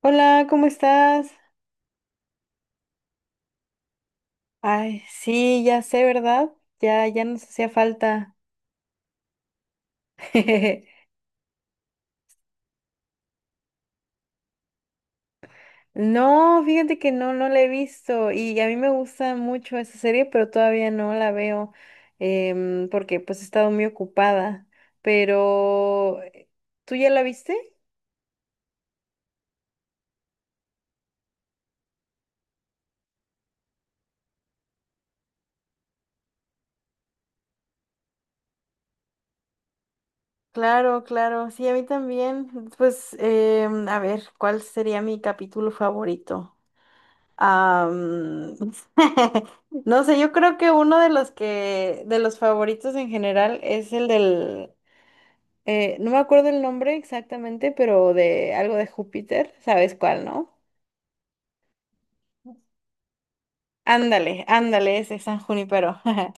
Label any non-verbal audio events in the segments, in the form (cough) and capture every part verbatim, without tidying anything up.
Hola, ¿cómo estás? Ay, sí, ya sé, ¿verdad? Ya, ya nos hacía falta. (laughs) No, fíjate que no, no la he visto y a mí me gusta mucho esa serie, pero todavía no la veo em, porque pues he estado muy ocupada. Pero, eh, ¿tú ya la viste? Claro, claro, sí, a mí también. Pues, em, a ver, ¿cuál sería mi capítulo favorito? Am, (laughs) no sé, yo creo que uno de los que, de los favoritos en general es el del, eh, No me acuerdo el nombre exactamente, pero de algo de Júpiter, ¿sabes cuál, no? Ándale, ándale, ese San Junipero. (laughs)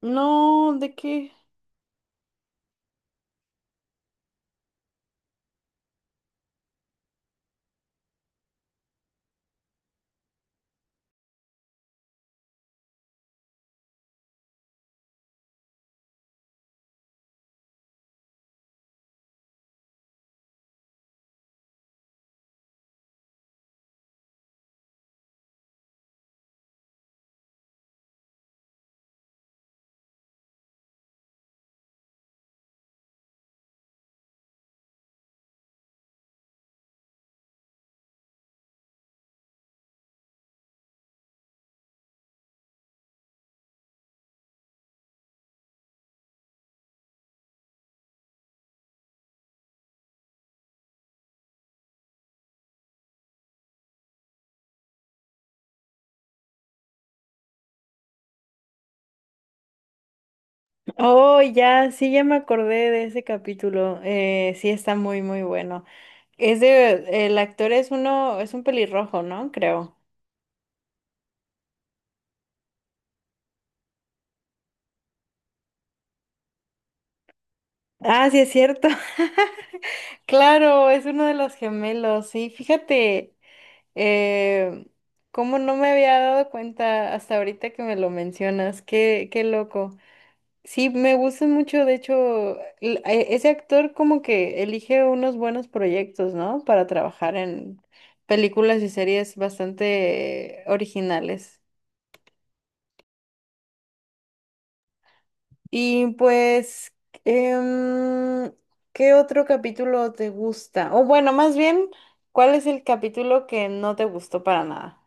No, ¿de qué? Oh, ya, sí, ya me acordé de ese capítulo. Eh, sí, está muy, muy bueno. Es de, el actor es uno, es un pelirrojo, ¿no? Creo. Ah, sí, es cierto. (laughs) Claro, es uno de los gemelos, sí, fíjate, eh, cómo no me había dado cuenta hasta ahorita que me lo mencionas, qué, qué loco. Sí, me gusta mucho, de hecho, l- e- ese actor como que elige unos buenos proyectos, ¿no? Para trabajar en películas y series bastante eh, originales. Y pues, em, ¿qué otro capítulo te gusta? O bueno, más bien, ¿cuál es el capítulo que no te gustó para nada?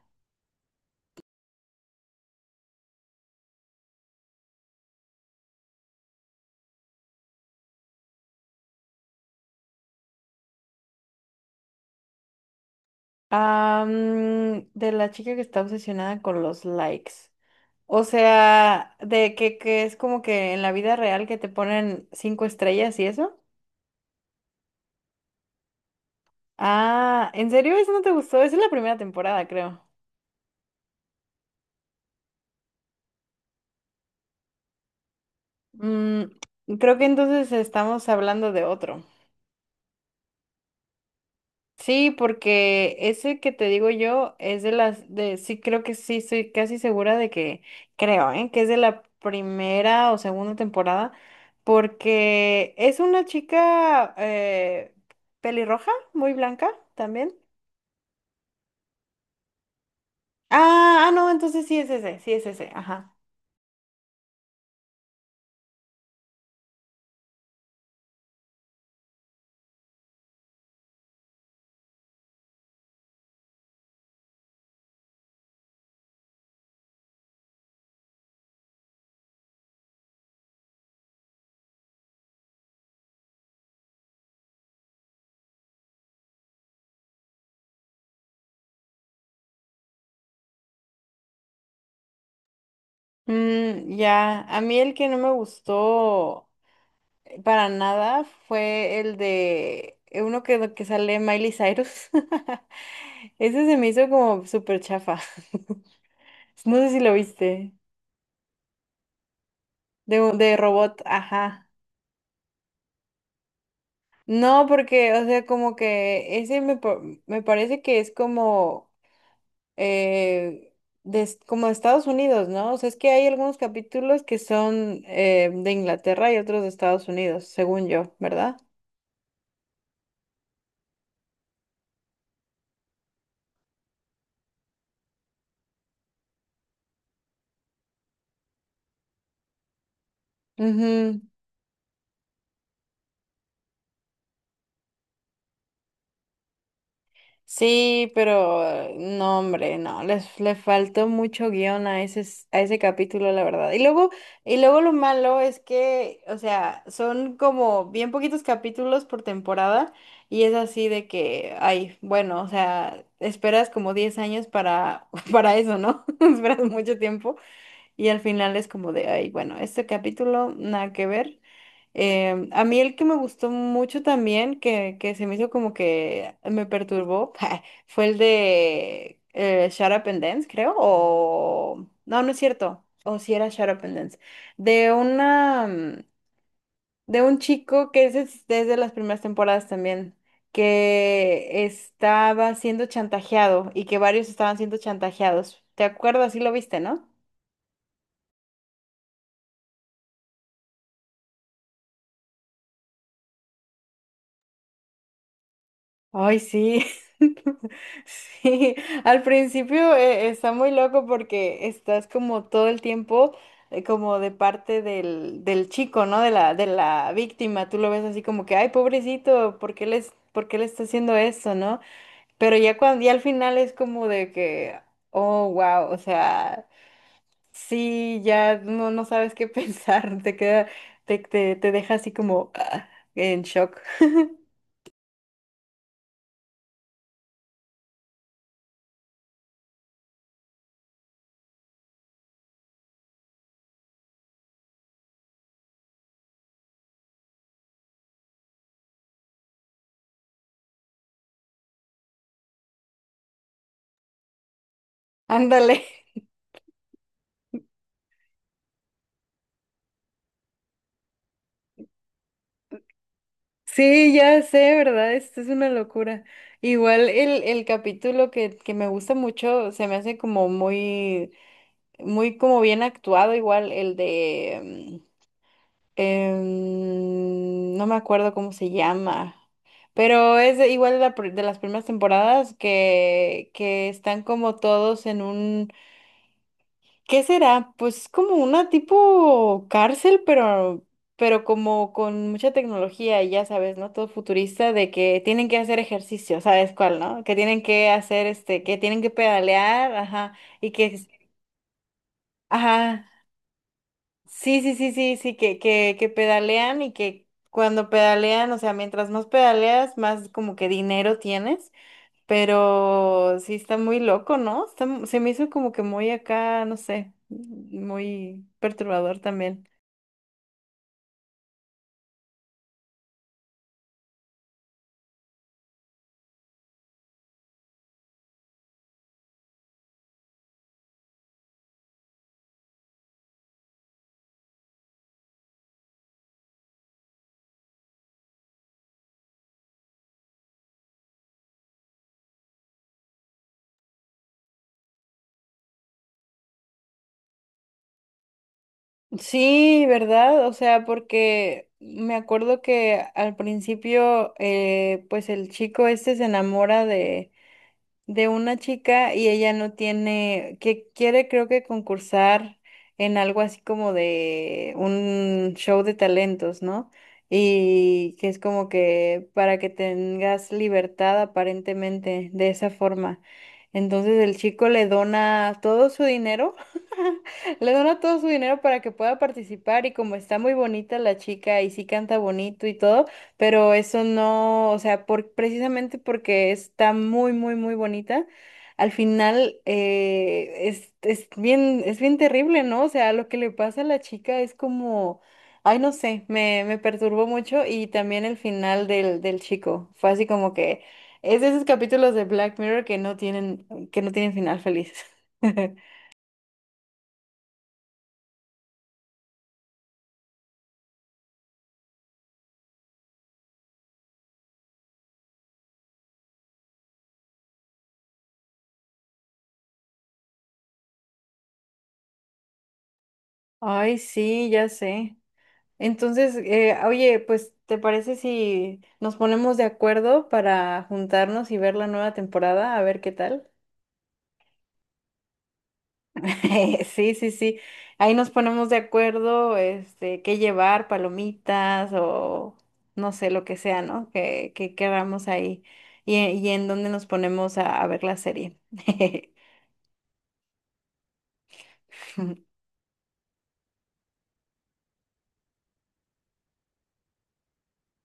Ah, mm, de la chica que está obsesionada con los likes. O sea, de que, que es como que en la vida real que te ponen cinco estrellas y eso. Ah, ¿en serio eso no te gustó? Esa es la primera temporada, creo. Mm, creo que entonces estamos hablando de otro. Sí, porque ese que te digo yo es de las de sí creo que sí estoy casi segura de que creo, ¿eh? Que es de la primera o segunda temporada porque es una chica eh, pelirroja, muy blanca también. Ah, ah, no, entonces sí es ese, sí es ese, ajá. Mm, ya, a mí el que no me gustó para nada fue el de eh, uno que, que sale Miley Cyrus. (laughs) Ese se me hizo como súper chafa. (laughs) No sé si lo viste. De, un- de robot, ajá. No, porque, o sea, como que ese me, pa- me parece que es como, eh, de, es- como de Estados Unidos, ¿no? O sea, es que hay algunos capítulos que son eh, de Inglaterra y otros de Estados Unidos, según yo, ¿verdad? Ujú. Sí, pero eh, no, hombre, no, les le faltó mucho guión a ese, s- a ese capítulo, la verdad. Y luego, y luego lo malo es que, o sea, son como bien poquitos capítulos por temporada y es así de que, ay, bueno, o sea, esperas como diez años para, (laughs) para eso, ¿no? (laughs) Esperas mucho tiempo y al final es como de, ay, bueno, este capítulo, nada que ver. Em, a mí el que me gustó mucho también, que, que se me hizo como que me perturbó, (laughs) fue el de eh, Shut Up and Dance, creo, o... No, no es cierto, o si era Shut Up and Dance, de una... mm, de un chico que ese es desde las primeras temporadas también, que estaba siendo chantajeado y que varios estaban siendo chantajeados. ¿Te acuerdas? Sí lo viste, ¿no? Ay, sí. (laughs) Sí, al principio eh, está muy loco porque estás como todo el tiempo eh, como de parte del, del chico, ¿no? De la, de la víctima. Tú lo ves así como que, ay, pobrecito, ¿por qué les, por qué le está haciendo esto, no? Pero ya cuando, ya al final es como de que, oh, wow, o sea, sí, ya no, no sabes qué pensar, (laughs) te queda, te, te, te deja así como ah, en shock. Ándale. Sí, ya sé, ¿verdad? Esto es una locura. Igual el, el capítulo que, que me gusta mucho se me hace como muy, muy como bien actuado, igual el de, mm, em, no me acuerdo cómo se llama, pero es de- igual de, la pr- de las primeras temporadas que, que están como todos en un ¿qué será? Pues como una tipo cárcel, pero, pero como con mucha tecnología, y ya sabes, ¿no? Todo futurista de que tienen que hacer ejercicio, ¿sabes cuál, no? Que tienen que hacer, este, que tienen que pedalear, ajá, y que, ajá, sí, sí, sí, sí, sí, que, que, que pedalean y que cuando pedalean, o sea, mientras más pedaleas, más como que dinero tienes. Pero sí está muy loco, ¿no? Está mu- se me hizo como que muy acá, no sé, muy perturbador también. Sí, ¿verdad? O sea, porque me acuerdo que al principio, eh, pues el chico este se enamora de una chica y ella no tiene, que quiere creo que concursar en algo así como de un show de talentos, ¿no? Y que es como que para que tengas libertad aparentemente de esa forma. Entonces el chico le dona todo su dinero, (laughs) le dona todo su dinero para que pueda participar y como está muy bonita la chica y sí canta bonito y todo, pero eso no, o sea, por, precisamente porque está muy, muy, muy bonita, al final eh, es, es bien, es bien terrible, ¿no? O sea, lo que le pasa a la chica es como, ay, no sé, me, me perturbó mucho y también el final del, del chico, fue así como que es de esos capítulos de Black Mirror que no tienen, que no tienen final feliz. (laughs) Ay, sí, ya sé. Entonces, eh, oye, pues, ¿te parece si nos ponemos de acuerdo para juntarnos y ver la nueva temporada? A ver qué tal. (laughs) Sí, sí, sí. Ahí nos ponemos de acuerdo, este, qué llevar, palomitas o no sé, lo que sea, ¿no? Que, que queramos ahí y, y en dónde nos ponemos a, a ver la serie. (laughs)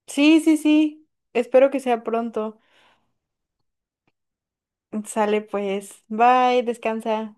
Sí, sí, sí. Espero que sea pronto. Sale pues. Bye, descansa.